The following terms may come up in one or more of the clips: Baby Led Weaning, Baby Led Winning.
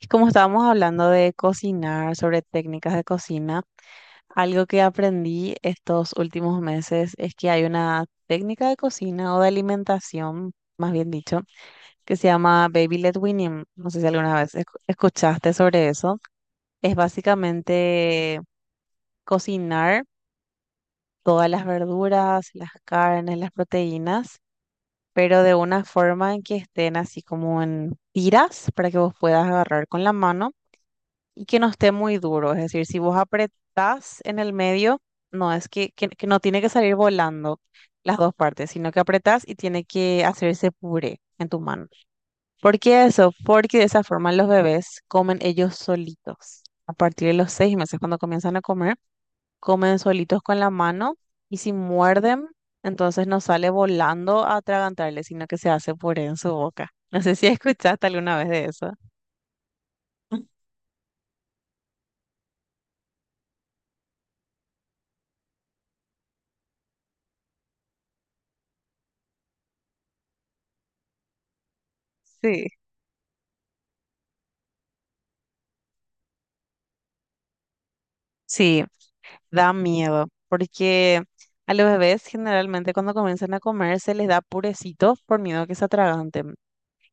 Y como estábamos hablando de cocinar, sobre técnicas de cocina, algo que aprendí estos últimos meses es que hay una técnica de cocina o de alimentación, más bien dicho, que se llama Baby Led Weaning. No sé si alguna vez escuchaste sobre eso. Es básicamente cocinar todas las verduras, las carnes, las proteínas, pero de una forma en que estén así como en tiras para que vos puedas agarrar con la mano y que no esté muy duro. Es decir, si vos apretás en el medio, no es que no tiene que salir volando las dos partes, sino que apretás y tiene que hacerse puré en tu mano. ¿Por qué eso? Porque de esa forma los bebés comen ellos solitos. A partir de los seis meses, cuando comienzan a comer, comen solitos con la mano y si muerden, entonces no sale volando a atragantarle, sino que se hace puré en su boca. No sé si escuchaste alguna vez de eso. Sí. Sí, da miedo, porque a los bebés generalmente cuando comienzan a comer se les da purecito por miedo a que se atraganten.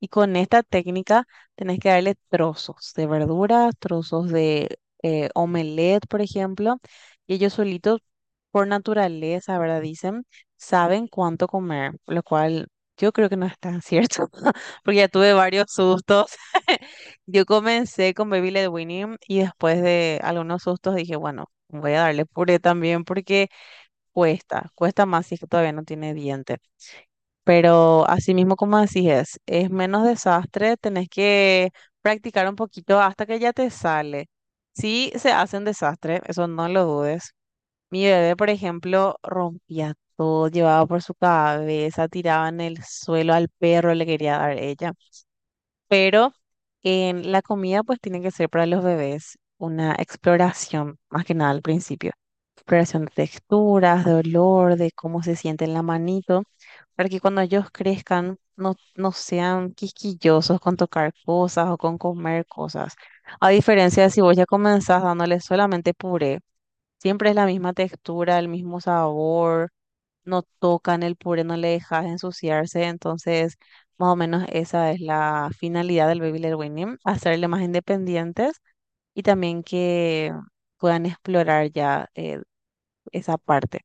Y con esta técnica tenés que darle trozos de verduras, trozos de omelette, por ejemplo. Y ellos solitos, por naturaleza, ¿verdad? Dicen, saben cuánto comer, lo cual yo creo que no es tan cierto, porque ya tuve varios sustos. Yo comencé con Baby Led Winning y después de algunos sustos dije, bueno, voy a darle puré también porque cuesta más si es que todavía no tiene dientes. Pero así mismo como decís, es menos desastre, tenés que practicar un poquito hasta que ya te sale. Sí, se hace un desastre, eso no lo dudes. Mi bebé, por ejemplo, rompía todo, llevaba por su cabeza, tiraba en el suelo al perro, le quería dar ella, pero en la comida pues tiene que ser para los bebés una exploración, más que nada al principio, exploración de texturas, de olor, de cómo se siente en la manito, para que cuando ellos crezcan no sean quisquillosos con tocar cosas o con comer cosas. A diferencia de si vos ya comenzás dándoles solamente puré, siempre es la misma textura, el mismo sabor, no tocan el puré, no le dejas ensuciarse. Entonces, más o menos esa es la finalidad del Baby Led Winning, hacerle más independientes y también que puedan explorar ya esa parte.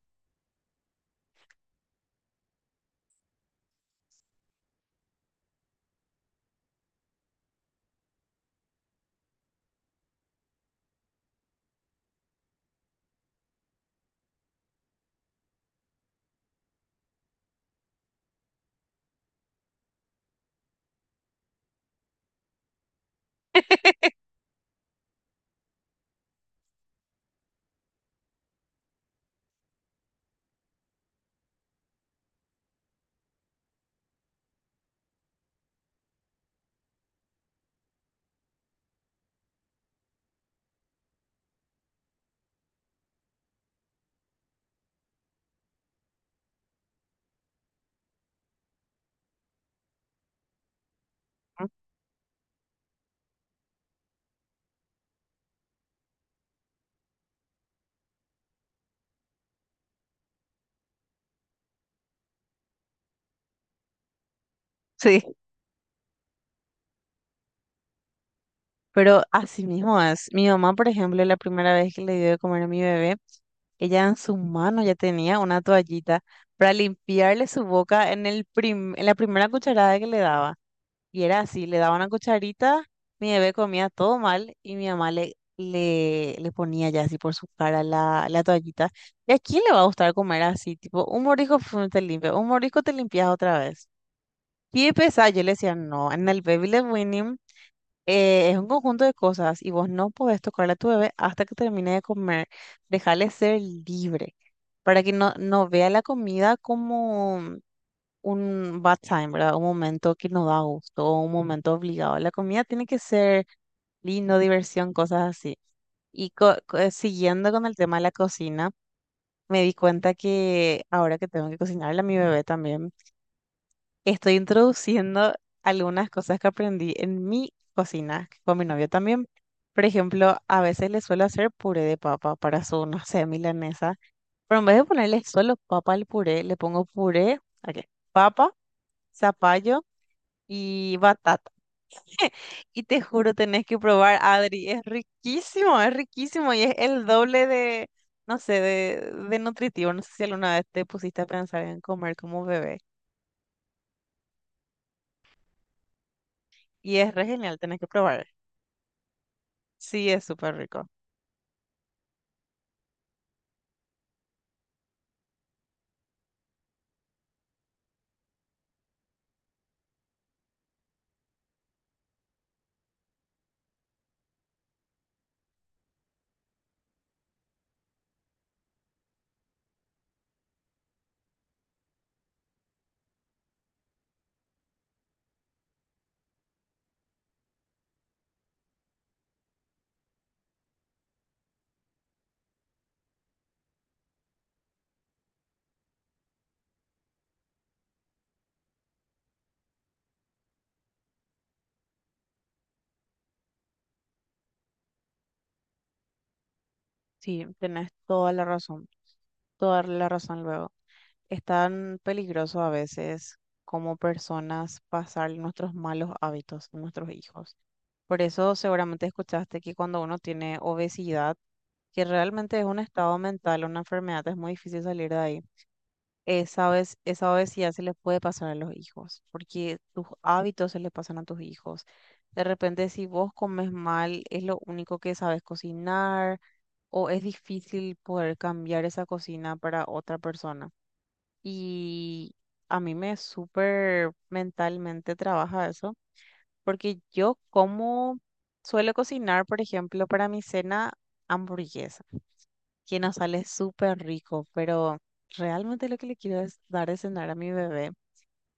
¿No? Sí. Pero así mismo es. Mi mamá, por ejemplo, la primera vez que le dio de comer a mi bebé, ella en su mano ya tenía una toallita para limpiarle su boca en el en la primera cucharada que le daba. Y era así, le daba una cucharita, mi bebé comía todo mal y mi mamá le ponía ya así por su cara la toallita. ¿Y a quién le va a gustar comer así? Tipo, un mordisco pf, te limpia, un mordisco te limpias otra vez. Y pesado, yo le decía, no, en el Baby Led Weaning es un conjunto de cosas y vos no podés tocarle a tu bebé hasta que termine de comer. Dejarle ser libre para que no vea la comida como un bad time, ¿verdad? Un momento que no da gusto, o un momento obligado. La comida tiene que ser lindo, diversión, cosas así. Y siguiendo con el tema de la cocina, me di cuenta que ahora que tengo que cocinarle a mi bebé también, estoy introduciendo algunas cosas que aprendí en mi cocina con mi novio también. Por ejemplo, a veces le suelo hacer puré de papa para su, no sé, milanesa. Pero en vez de ponerle solo papa al puré, le pongo puré, ok, papa, zapallo y batata. Y te juro, tenés que probar, Adri. Es riquísimo y es el doble de, no sé, de nutritivo. No sé si alguna vez te pusiste a pensar en comer como bebé. Y es re genial, tenés que probar. Sí, es súper rico. Sí, tenés toda la razón luego. Es tan peligroso a veces como personas pasar nuestros malos hábitos a nuestros hijos. Por eso seguramente escuchaste que cuando uno tiene obesidad, que realmente es un estado mental, una enfermedad, es muy difícil salir de ahí. Esa vez, esa obesidad se le puede pasar a los hijos, porque tus hábitos se le pasan a tus hijos. De repente, si vos comes mal, es lo único que sabes cocinar, o es difícil poder cambiar esa cocina para otra persona. Y a mí me súper mentalmente trabaja eso, porque yo como suelo cocinar, por ejemplo, para mi cena hamburguesa que nos sale súper rico, pero realmente lo que le quiero es dar de cenar a mi bebé.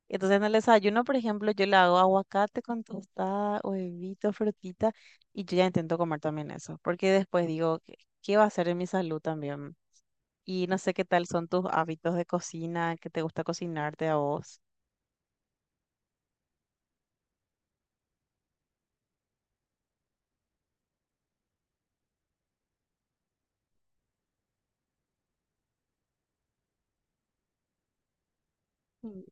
Entonces en el desayuno, por ejemplo, yo le hago aguacate con tostada, huevito, frutita, y yo ya intento comer también eso, porque después digo, ¿qué, qué va a hacer en mi salud también? Y no sé qué tal son tus hábitos de cocina, que te gusta cocinarte a vos. Mm.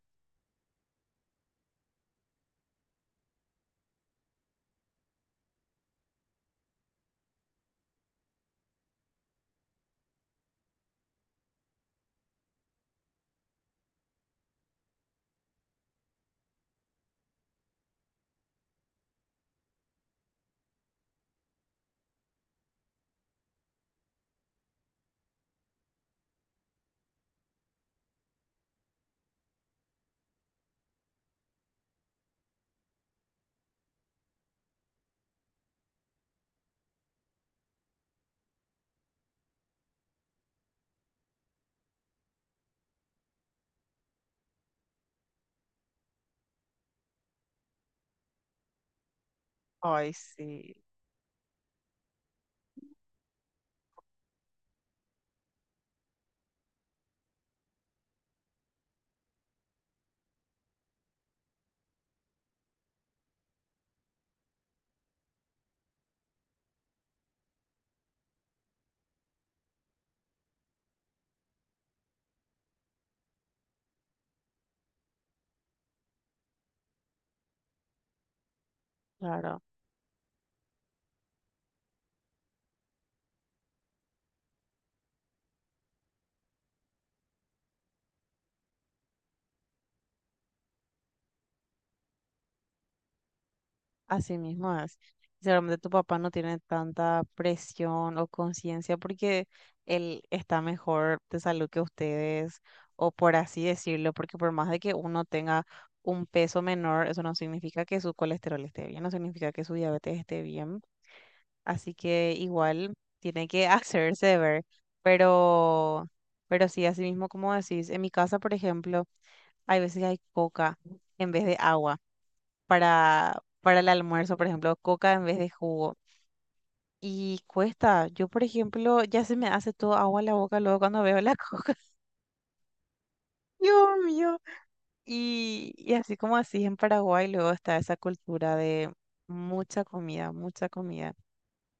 Ay, sí, claro. Así mismo es. Seguramente tu papá no tiene tanta presión o conciencia porque él está mejor de salud que ustedes, o por así decirlo, porque por más de que uno tenga un peso menor, eso no significa que su colesterol esté bien, no significa que su diabetes esté bien. Así que igual tiene que hacerse ver. Pero, pero sí, así mismo como decís, en mi casa, por ejemplo, hay veces que hay coca en vez de agua para el almuerzo, por ejemplo, coca en vez de jugo. Y cuesta, yo por ejemplo, ya se me hace todo agua en la boca luego cuando veo la coca. Dios mío. Y así como así en Paraguay luego está esa cultura de mucha comida, mucha comida.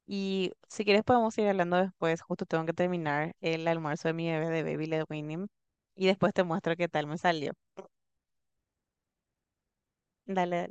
Y si quieres podemos ir hablando después, justo tengo que terminar el almuerzo de mi bebé de Baby Led Winning y después te muestro qué tal me salió. Dale.